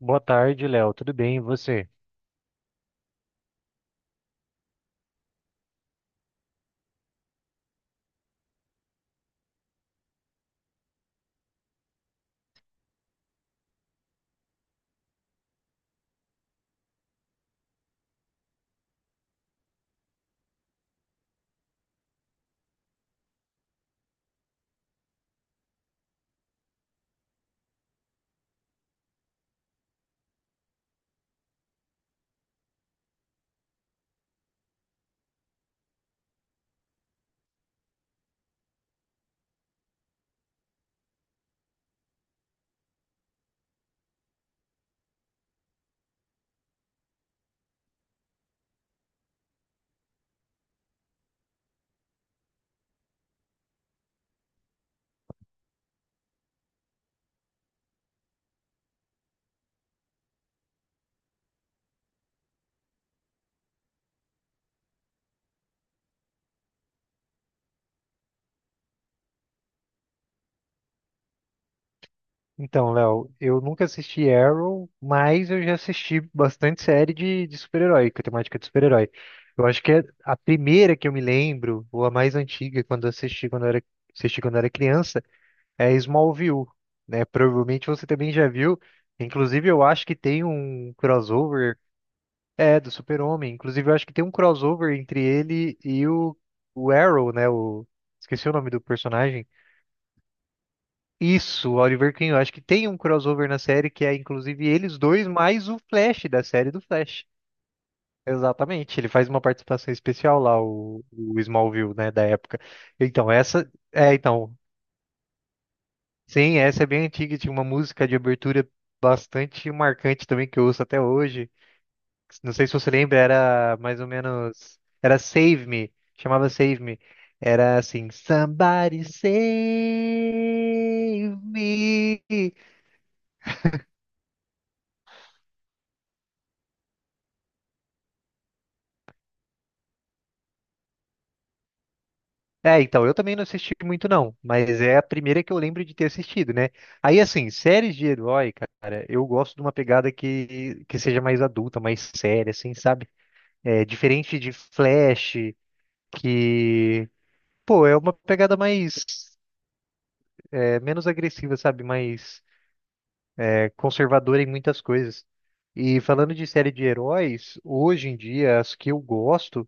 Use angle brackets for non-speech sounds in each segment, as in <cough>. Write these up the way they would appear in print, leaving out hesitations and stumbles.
Boa tarde, Léo. Tudo bem, e você? Então, Léo, eu nunca assisti Arrow, mas eu já assisti bastante série de super-herói, com temática de super-herói. Eu acho que é a primeira que eu me lembro, ou a mais antiga, quando eu assisti quando eu era, assisti quando eu era criança, é Smallville, né? Provavelmente você também já viu. Inclusive, eu acho que tem um crossover, é, do Super-Homem. Inclusive, eu acho que tem um crossover entre ele e o Arrow, né? Esqueci o nome do personagem. Isso, o Oliver Queen, eu acho que tem um crossover na série que é inclusive eles dois mais o Flash da série do Flash. Exatamente, ele faz uma participação especial lá, o Smallville, né, da época. Então, sim, essa é bem antiga, e tinha uma música de abertura bastante marcante também que eu ouço até hoje. Não sei se você lembra, era mais ou menos, era Save Me, chamava Save Me. Era assim, Somebody save me. É, então, eu também não assisti muito não, mas é a primeira que eu lembro de ter assistido, né? Aí, assim, séries de herói, cara, eu gosto de uma pegada que seja mais adulta, mais séria, assim, sabe? É, diferente de Flash, que, pô, é uma pegada mais, menos agressiva, sabe? Mais, conservadora em muitas coisas. E falando de série de heróis, hoje em dia, as que eu gosto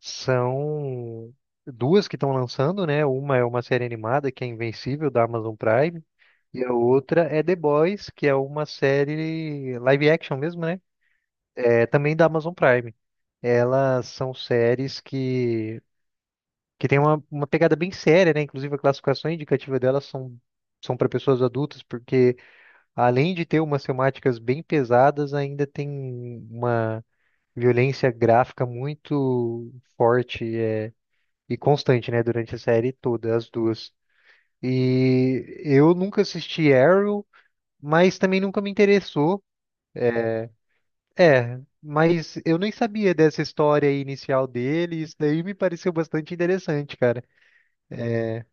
são duas que estão lançando, né? Uma é uma série animada que é Invencível da Amazon Prime, e a outra é The Boys, que é uma série live action mesmo, né? É também da Amazon Prime. Elas são séries que tem uma pegada bem séria, né? Inclusive a classificação indicativa delas são para pessoas adultas, porque além de ter umas temáticas bem pesadas, ainda tem uma violência gráfica muito forte, e constante, né? Durante a série toda, as duas. E eu nunca assisti Arrow, mas também nunca me interessou. É, mas eu nem sabia dessa história inicial dele, e isso daí me pareceu bastante interessante, cara. É,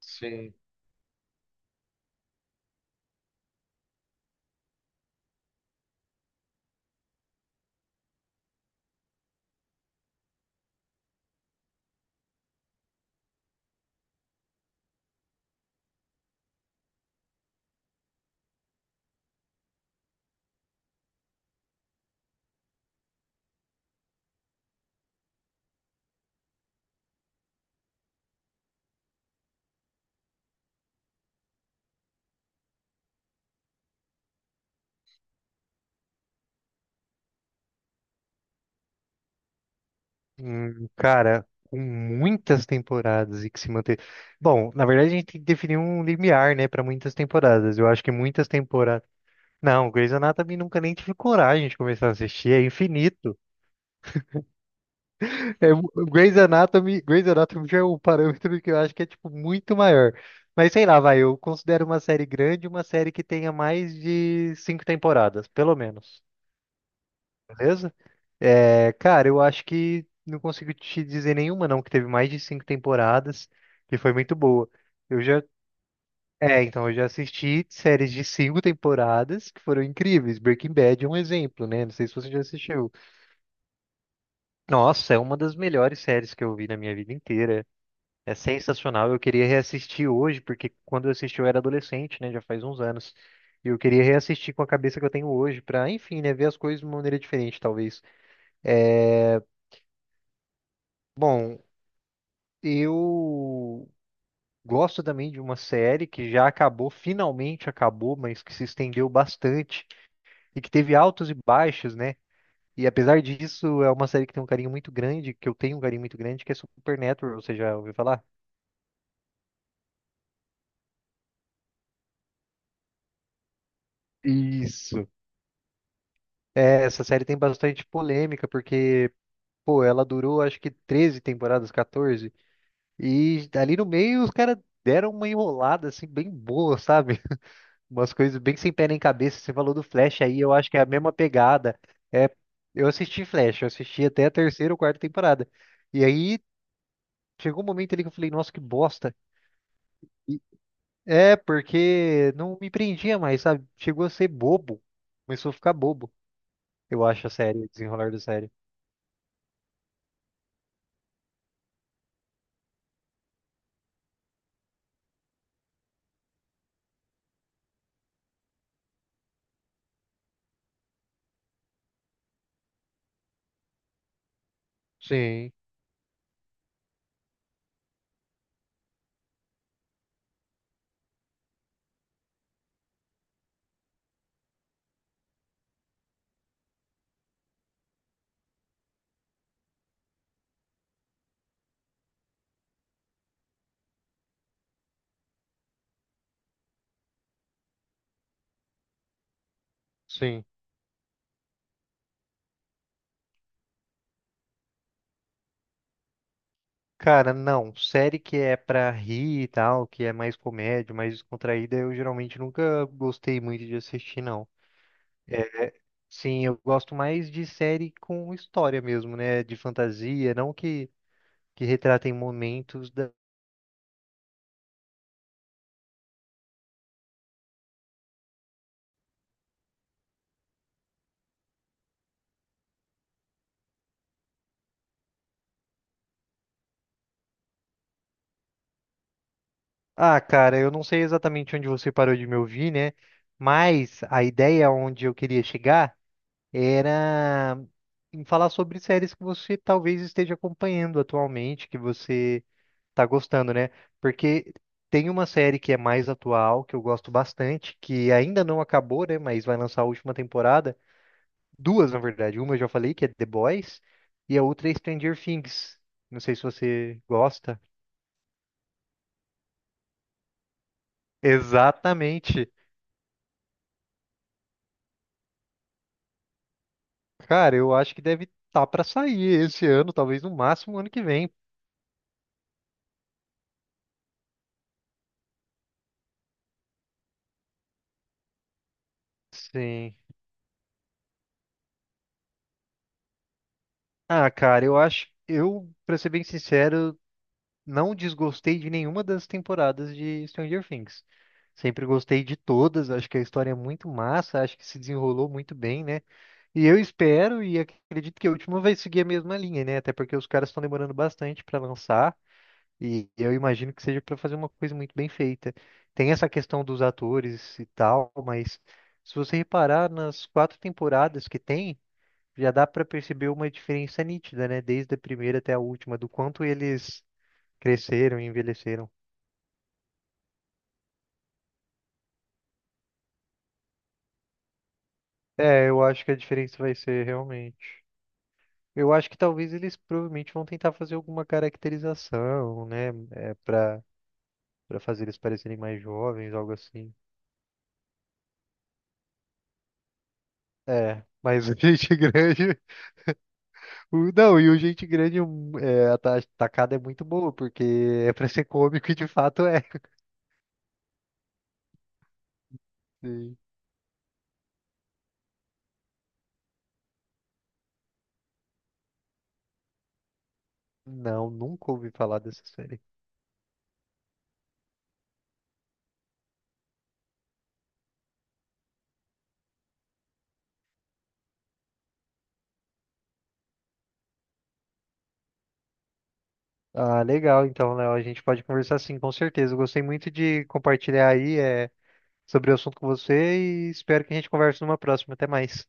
sim. Hum, cara, com muitas temporadas e que se manter. Bom, na verdade a gente tem que definir um limiar, né, para muitas temporadas. Eu acho que muitas temporadas. Não, Grey's Anatomy nunca nem tive coragem de começar a assistir, é infinito. É, o Grey's Anatomy já é um parâmetro que eu acho que é tipo muito maior. Mas sei lá, vai, eu considero uma série grande uma série que tenha mais de cinco temporadas, pelo menos. Beleza? É, cara, eu acho que não consigo te dizer nenhuma, não, que teve mais de cinco temporadas, que foi muito boa. Eu já, eu já assisti séries de cinco temporadas que foram incríveis. Breaking Bad é um exemplo, né? Não sei se você já assistiu. Nossa, é uma das melhores séries que eu vi na minha vida inteira. É sensacional. Eu queria reassistir hoje, porque quando eu assisti eu era adolescente, né? Já faz uns anos. E eu queria reassistir com a cabeça que eu tenho hoje, pra, enfim, né? Ver as coisas de uma maneira diferente, talvez. Bom, eu gosto também de uma série que já acabou, finalmente acabou, mas que se estendeu bastante e que teve altos e baixos, né? E apesar disso, é uma série que tem um carinho muito grande, que eu tenho um carinho muito grande, que é Supernatural. Você já ouviu falar? Isso. É, essa série tem bastante polêmica, porque, pô, ela durou acho que 13 temporadas, 14. E ali no meio os caras deram uma enrolada assim bem boa, sabe? <laughs> Umas coisas bem sem pé nem cabeça. Você falou do Flash aí, eu acho que é a mesma pegada. É, eu assisti Flash, eu assisti até a terceira ou quarta temporada. E aí chegou um momento ali que eu falei, nossa, que bosta. E porque não me prendia mais, sabe? Chegou a ser bobo. Começou a ficar bobo, eu acho, a série, o desenrolar da série. Sim, sim. Cara, não. Série que é pra rir e tal, que é mais comédia, mais descontraída, eu geralmente nunca gostei muito de assistir, não. É, sim, eu gosto mais de série com história mesmo, né? De fantasia, não que retratem momentos da. Ah, cara, eu não sei exatamente onde você parou de me ouvir, né? Mas a ideia onde eu queria chegar era em falar sobre séries que você talvez esteja acompanhando atualmente, que você tá gostando, né? Porque tem uma série que é mais atual, que eu gosto bastante, que ainda não acabou, né? Mas vai lançar a última temporada. Duas, na verdade. Uma eu já falei, que é The Boys, e a outra é Stranger Things. Não sei se você gosta. Exatamente. Cara, eu acho que deve estar pra sair esse ano, talvez no máximo ano que vem. Sim. Ah, cara, eu acho, pra ser bem sincero, não desgostei de nenhuma das temporadas de Stranger Things. Sempre gostei de todas, acho que a história é muito massa, acho que se desenrolou muito bem, né? E eu espero e acredito que a última vai seguir a mesma linha, né? Até porque os caras estão demorando bastante para lançar e eu imagino que seja para fazer uma coisa muito bem feita. Tem essa questão dos atores e tal, mas se você reparar nas quatro temporadas que tem, já dá para perceber uma diferença nítida, né? Desde a primeira até a última, do quanto eles cresceram e envelheceram. É, eu acho que a diferença vai ser realmente. Eu acho que talvez eles provavelmente vão tentar fazer alguma caracterização, né? É, pra, fazer eles parecerem mais jovens, algo assim. É, mas o <laughs> gente grande. Não, e o gente grande, a tacada é muito boa, porque é pra ser cômico e de fato é. Sim. Não, nunca ouvi falar dessa série. Ah, legal, então, Léo, a gente pode conversar sim, com certeza. Eu gostei muito de compartilhar aí, sobre o assunto com você e espero que a gente converse numa próxima. Até mais.